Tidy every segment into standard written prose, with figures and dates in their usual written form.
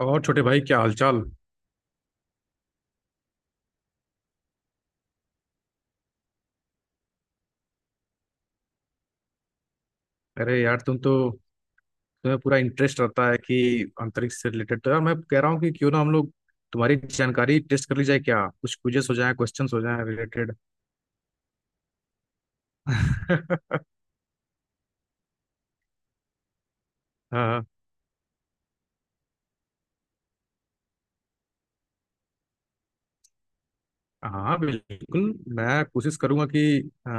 और छोटे भाई क्या हालचाल। अरे यार तुम तो तुम्हें पूरा इंटरेस्ट रहता है कि अंतरिक्ष से रिलेटेड। तो यार मैं कह रहा हूँ कि क्यों ना हम लोग तुम्हारी जानकारी टेस्ट कर ली जाए। क्या कुछ क्विजेस हो जाए, क्वेश्चंस हो जाए रिलेटेड। हाँ। हाँ, बिल्कुल। मैं कोशिश करूंगा कि अ,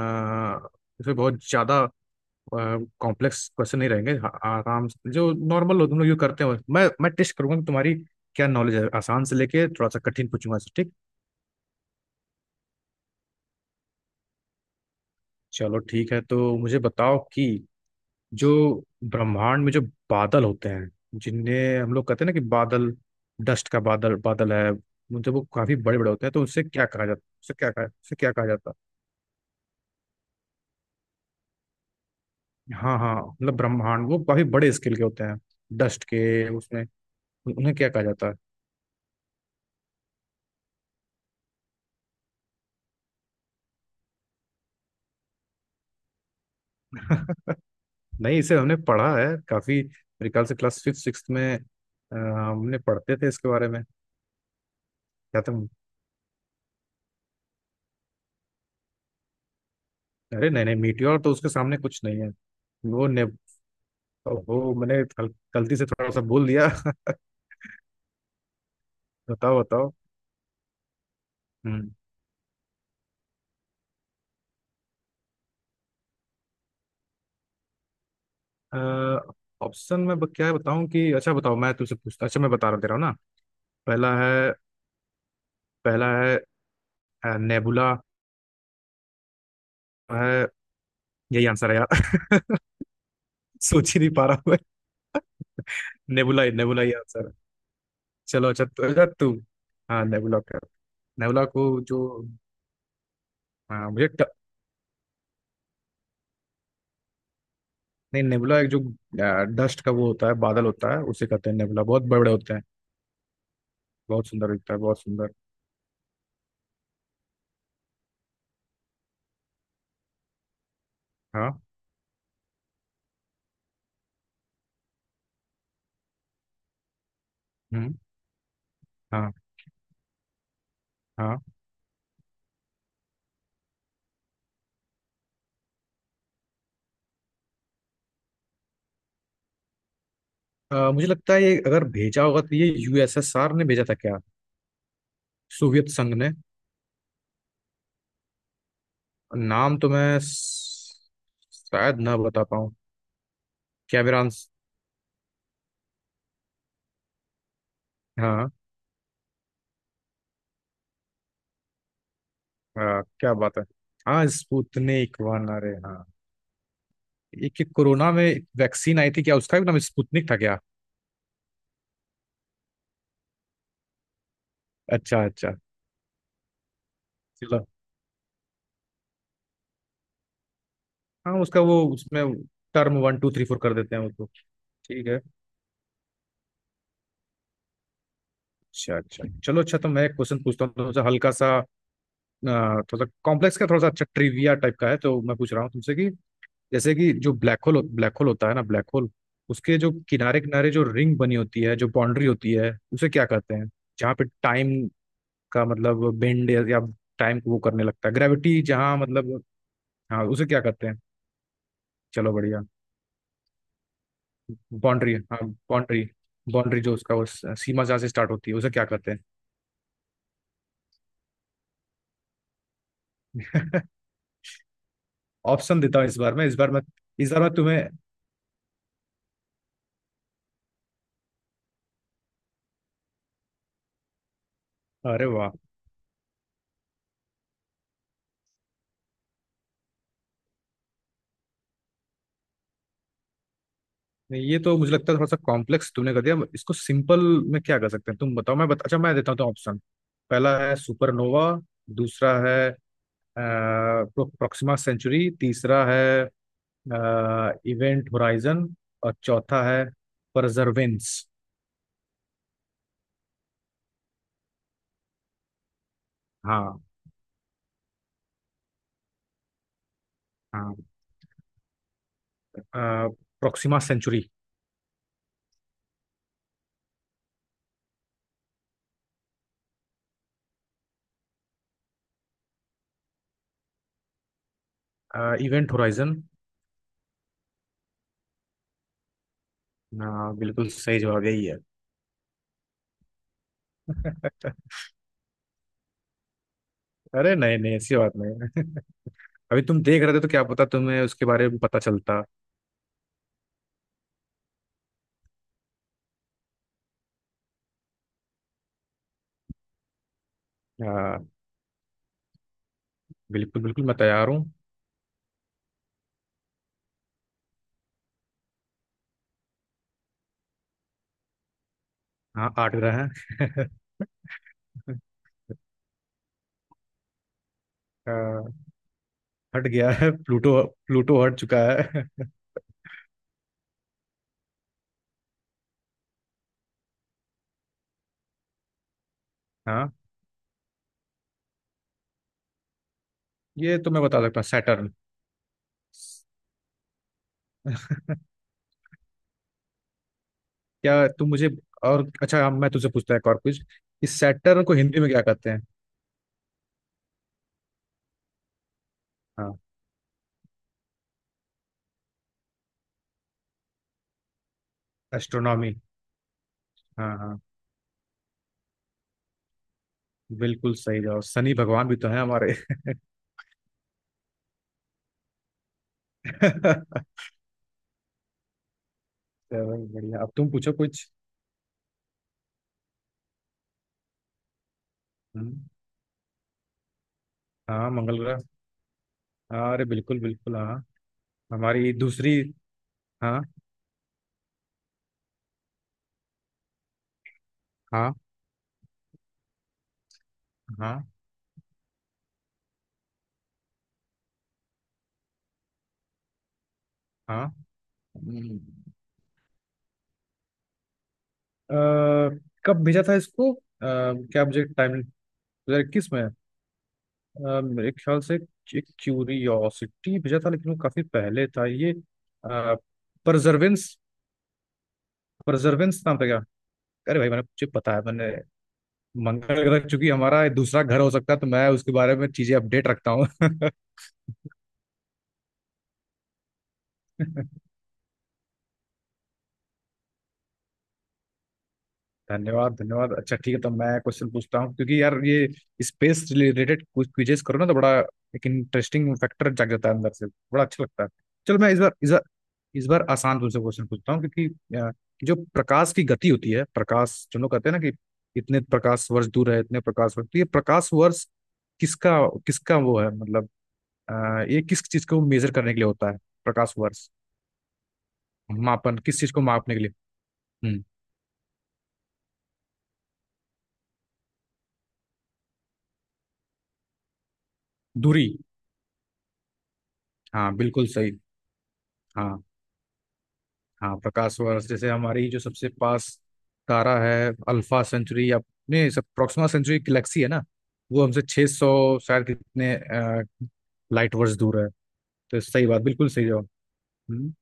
इसमें बहुत ज्यादा कॉम्प्लेक्स क्वेश्चन नहीं रहेंगे। आराम से जो नॉर्मल हो, तुम लोग जो करते हो, मैं टेस्ट करूंगा कि तुम्हारी क्या नॉलेज है। आसान से लेके थोड़ा सा कठिन पूछूंगा, ठीक। चलो ठीक है। तो मुझे बताओ कि जो ब्रह्मांड में जो बादल होते हैं, जिन्हें हम लोग कहते हैं ना कि बादल, डस्ट का बादल, बादल है। जब वो काफी बड़े बड़े होते हैं तो उनसे क्या कहा जाता, उसे क्या कहा, उसे क्या कहा जाता है? हाँ हाँ, मतलब ब्रह्मांड वो काफी बड़े स्केल के होते हैं, डस्ट के, उसमें उन्हें क्या कहा जाता है? नहीं, इसे हमने पढ़ा है काफी। मेरे ख्याल से क्लास फिफ्थ सिक्स में हमने पढ़ते थे इसके बारे में। क्या तुम, अरे नहीं नहीं, मीटियोर तो उसके सामने कुछ नहीं है। वो ने वो मैंने गलती से थोड़ा सा बोल दिया। बताओ बताओ। हम्म। ऑप्शन में क्या बताऊं कि, अच्छा बताओ, मैं तुझसे पूछता, अच्छा मैं बता रहा दे रहा हूँ ना। पहला है पहला है नेबुला है। यही आंसर है यार। सोच ही नहीं पा रहा हूँ मैं। नेबुला ही, नेबुला ही आंसर है। चलो अच्छा, तो अच्छा तू, हाँ नेबुला का, नेबुला को जो, हाँ मुझे ट, नहीं नेबुला एक जो डस्ट का वो होता है, बादल होता है, उसे कहते हैं नेबुला। बहुत बड़े बड़े होते हैं। बहुत सुंदर दिखता है, बहुत सुंदर। हाँ। हम्म। हाँ हाँ। मुझे लगता है ये अगर भेजा होगा तो ये यूएसएसआर ने भेजा था क्या, सोवियत संघ ने। नाम तो मैं स- शायद ना बता पाऊँ। क्या मेरा आंस- हाँ। क्या बात है। हाँ स्पुतनिक वन, अरे हाँ। एक एक कोरोना में वैक्सीन आई थी क्या, उसका भी नाम स्पुतनिक था क्या? अच्छा अच्छा। चलो हाँ, उसका वो उसमें term one two three four कर देते हैं उसको। ठीक है। अच्छा अच्छा, चलो। अच्छा तो मैं एक क्वेश्चन पूछता हूँ, थोड़ा सा हल्का सा, थोड़ा सा कॉम्प्लेक्स का, थोड़ा सा अच्छा ट्रिविया टाइप का है। तो मैं पूछ रहा हूँ तुमसे कि जैसे कि जो ब्लैक होल, ब्लैक होल होता है ना, ब्लैक होल उसके जो किनारे किनारे जो रिंग बनी होती है, जो बाउंड्री होती है, उसे क्या कहते हैं? जहाँ पे टाइम का मतलब बेंड या टाइम को वो करने लगता है, ग्रेविटी जहाँ, मतलब, हाँ उसे क्या कहते हैं? चलो बढ़िया। बाउंड्री, हाँ बाउंड्री, बाउंड्री जो उसका वो सीमा जहाँ से स्टार्ट होती है उसे क्या कहते हैं? ऑप्शन देता हूँ इस बार में, इस बार में, इस बार में तुम्हें। अरे वाह। नहीं ये तो मुझे लगता है थोड़ा सा कॉम्प्लेक्स तुमने कर दिया इसको। सिंपल में क्या कर सकते हैं तुम बताओ, अच्छा मैं देता हूँ तो ऑप्शन। पहला है सुपरनोवा, दूसरा है प्रोक्सिमा सेंचुरी, तीसरा है इवेंट होराइजन, और चौथा है परजर्वेंस। हाँ हाँ। Proxima Centauri. Event horizon. हाँ बिल्कुल सही जवाब यही है। अरे नहीं नहीं, ऐसी बात नहीं है। अभी तुम देख रहे थे तो क्या पता तुम्हें उसके बारे में पता चलता। आ, बिल्कुल बिल्कुल मैं तैयार हूँ। हाँ आठ ग्रह हैं। अ, हट गया है प्लूटो, प्लूटो हट चुका है। हाँ, ये तो मैं बता सकता हूँ, सैटर्न। क्या तुम मुझे, और अच्छा, हाँ, मैं तुझसे पूछता है एक और कुछ। इस सैटर्न को हिंदी में क्या कहते हैं? हाँ एस्ट्रोनॉमी। हाँ हाँ, बिल्कुल सही जवाब। शनि भगवान भी तो है हमारे। चलो बढ़िया, अब तुम पूछो कुछ। हम्म, हाँ मंगल ग्रह। हाँ, अरे बिल्कुल बिल्कुल हाँ। हमारी दूसरी। हाँ हाँ हाँ हाँ। अ, कब भेजा था इसको, क्या मुझे टाइम, 2021 में। मेरे ख्याल से एक क्यूरियोसिटी भेजा था, लेकिन वो काफी पहले था ये। परजर्वेंस। परजर्वेंस नाम था क्या। अरे भाई मैंने, मुझे पता है मैंने। मंगल ग्रह चूंकि हमारा दूसरा घर हो सकता है तो मैं उसके बारे में चीजें अपडेट रखता हूँ। धन्यवाद धन्यवाद। अच्छा ठीक है, तो मैं क्वेश्चन पूछता हूँ क्योंकि यार ये स्पेस रिलेटेड कुछ क्विजेस करो ना तो बड़ा एक इंटरेस्टिंग फैक्टर जाग जाता है अंदर से, बड़ा अच्छा लगता है। चलो मैं इस बार, इस बार, इस बार आसान तुमसे क्वेश्चन पूछता हूँ क्योंकि अ, जो प्रकाश की गति होती है, प्रकाश, जो लोग कहते हैं ना कि इतने प्रकाश वर्ष दूर है, इतने प्रकाश वर्ष, तो ये प्रकाश वर्ष किसका, किसका वो है मतलब, अ, ये किस चीज को मेजर करने के लिए होता है, प्रकाश वर्ष, मापन किस चीज को मापने के लिए। हम्म। दूरी, हाँ बिल्कुल सही। हाँ हाँ प्रकाश वर्ष जैसे हमारी जो सबसे पास तारा है, अल्फा सेंचुरी, या नहीं सब प्रॉक्सिमा सेंचुरी गैलेक्सी है ना, वो हमसे 600 शायद कितने लाइट वर्ष दूर है। तो सही बात, बिल्कुल सही जवाब। हम्म,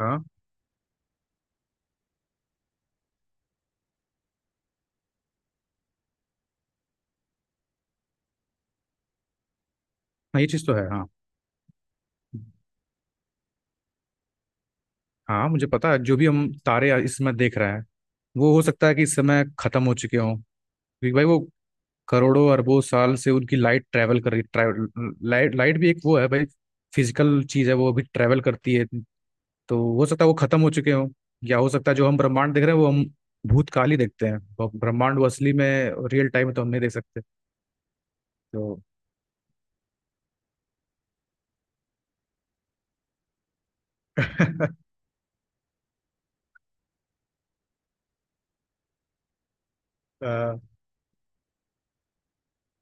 हाँ हाँ, ये चीज़ तो है हाँ। हाँ मुझे पता है, जो भी हम तारे इस समय देख रहे हैं वो हो सकता है कि इस समय खत्म हो चुके हों, क्योंकि भाई वो करोड़ों अरबों साल से उनकी लाइट ट्रैवल कर रही, ट्रैवल लाइट, लाइट भी एक वो है भाई, फिजिकल चीज़ है, वो अभी ट्रैवल करती है। तो हो सकता है वो खत्म हो चुके हों, या हो सकता है जो हम ब्रह्मांड देख रहे हैं वो हम भूतकाल ही देखते हैं वो ब्रह्मांड, वो असली में रियल टाइम तो हम नहीं देख सकते। तो अ,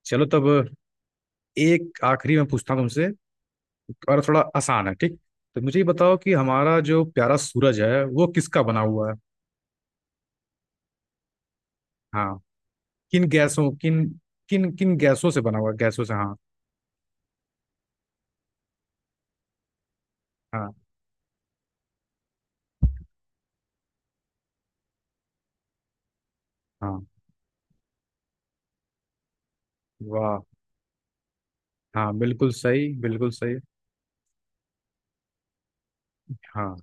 चलो तब एक आखिरी मैं पूछता हूँ तुमसे, और थोड़ा आसान है ठीक। तो मुझे ये बताओ कि हमारा जो प्यारा सूरज है वो किसका बना हुआ है। हाँ किन गैसों, किन, किन किन गैसों से बना हुआ है, गैसों से हाँ। हाँ हाँ। वाह। हाँ बिल्कुल सही, बिल्कुल सही। हाँ।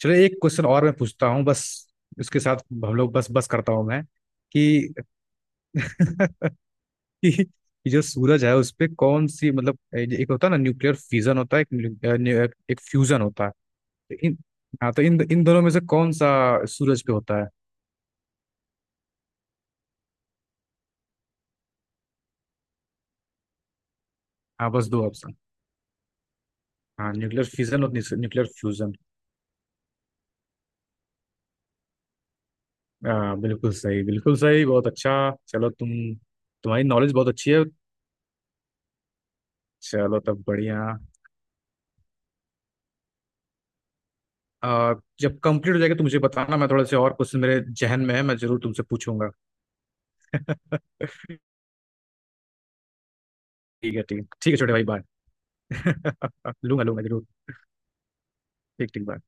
चलो एक क्वेश्चन और मैं पूछता हूँ, बस इसके साथ हम लोग बस, बस करता हूँ मैं कि, कि कि जो सूरज है उस पे कौन सी, मतलब एक होता है ना न्यूक्लियर फिजन होता है एक न्यू- न्यू- एक फ्यूजन होता है। तो इन, हाँ तो इन इन दोनों में से कौन सा सूरज पे होता है। हाँ बस दो ऑप्शन। हाँ न्यूक्लियर फिजन और न्यूक्लियर फ्यूजन। हाँ बिल्कुल सही, बिल्कुल सही, बहुत अच्छा। चलो तुम, तुम्हारी नॉलेज बहुत अच्छी है। चलो तब बढ़िया। आ, जब कंप्लीट हो जाएगा तो मुझे बताना, मैं थोड़ा से और क्वेश्चन मेरे जहन में है, मैं जरूर तुमसे पूछूंगा। ठीक है ठीक है ठीक है, छोटे भाई, बाय। लूंगा लूंगा जरूर। ठीक ठीक बाय।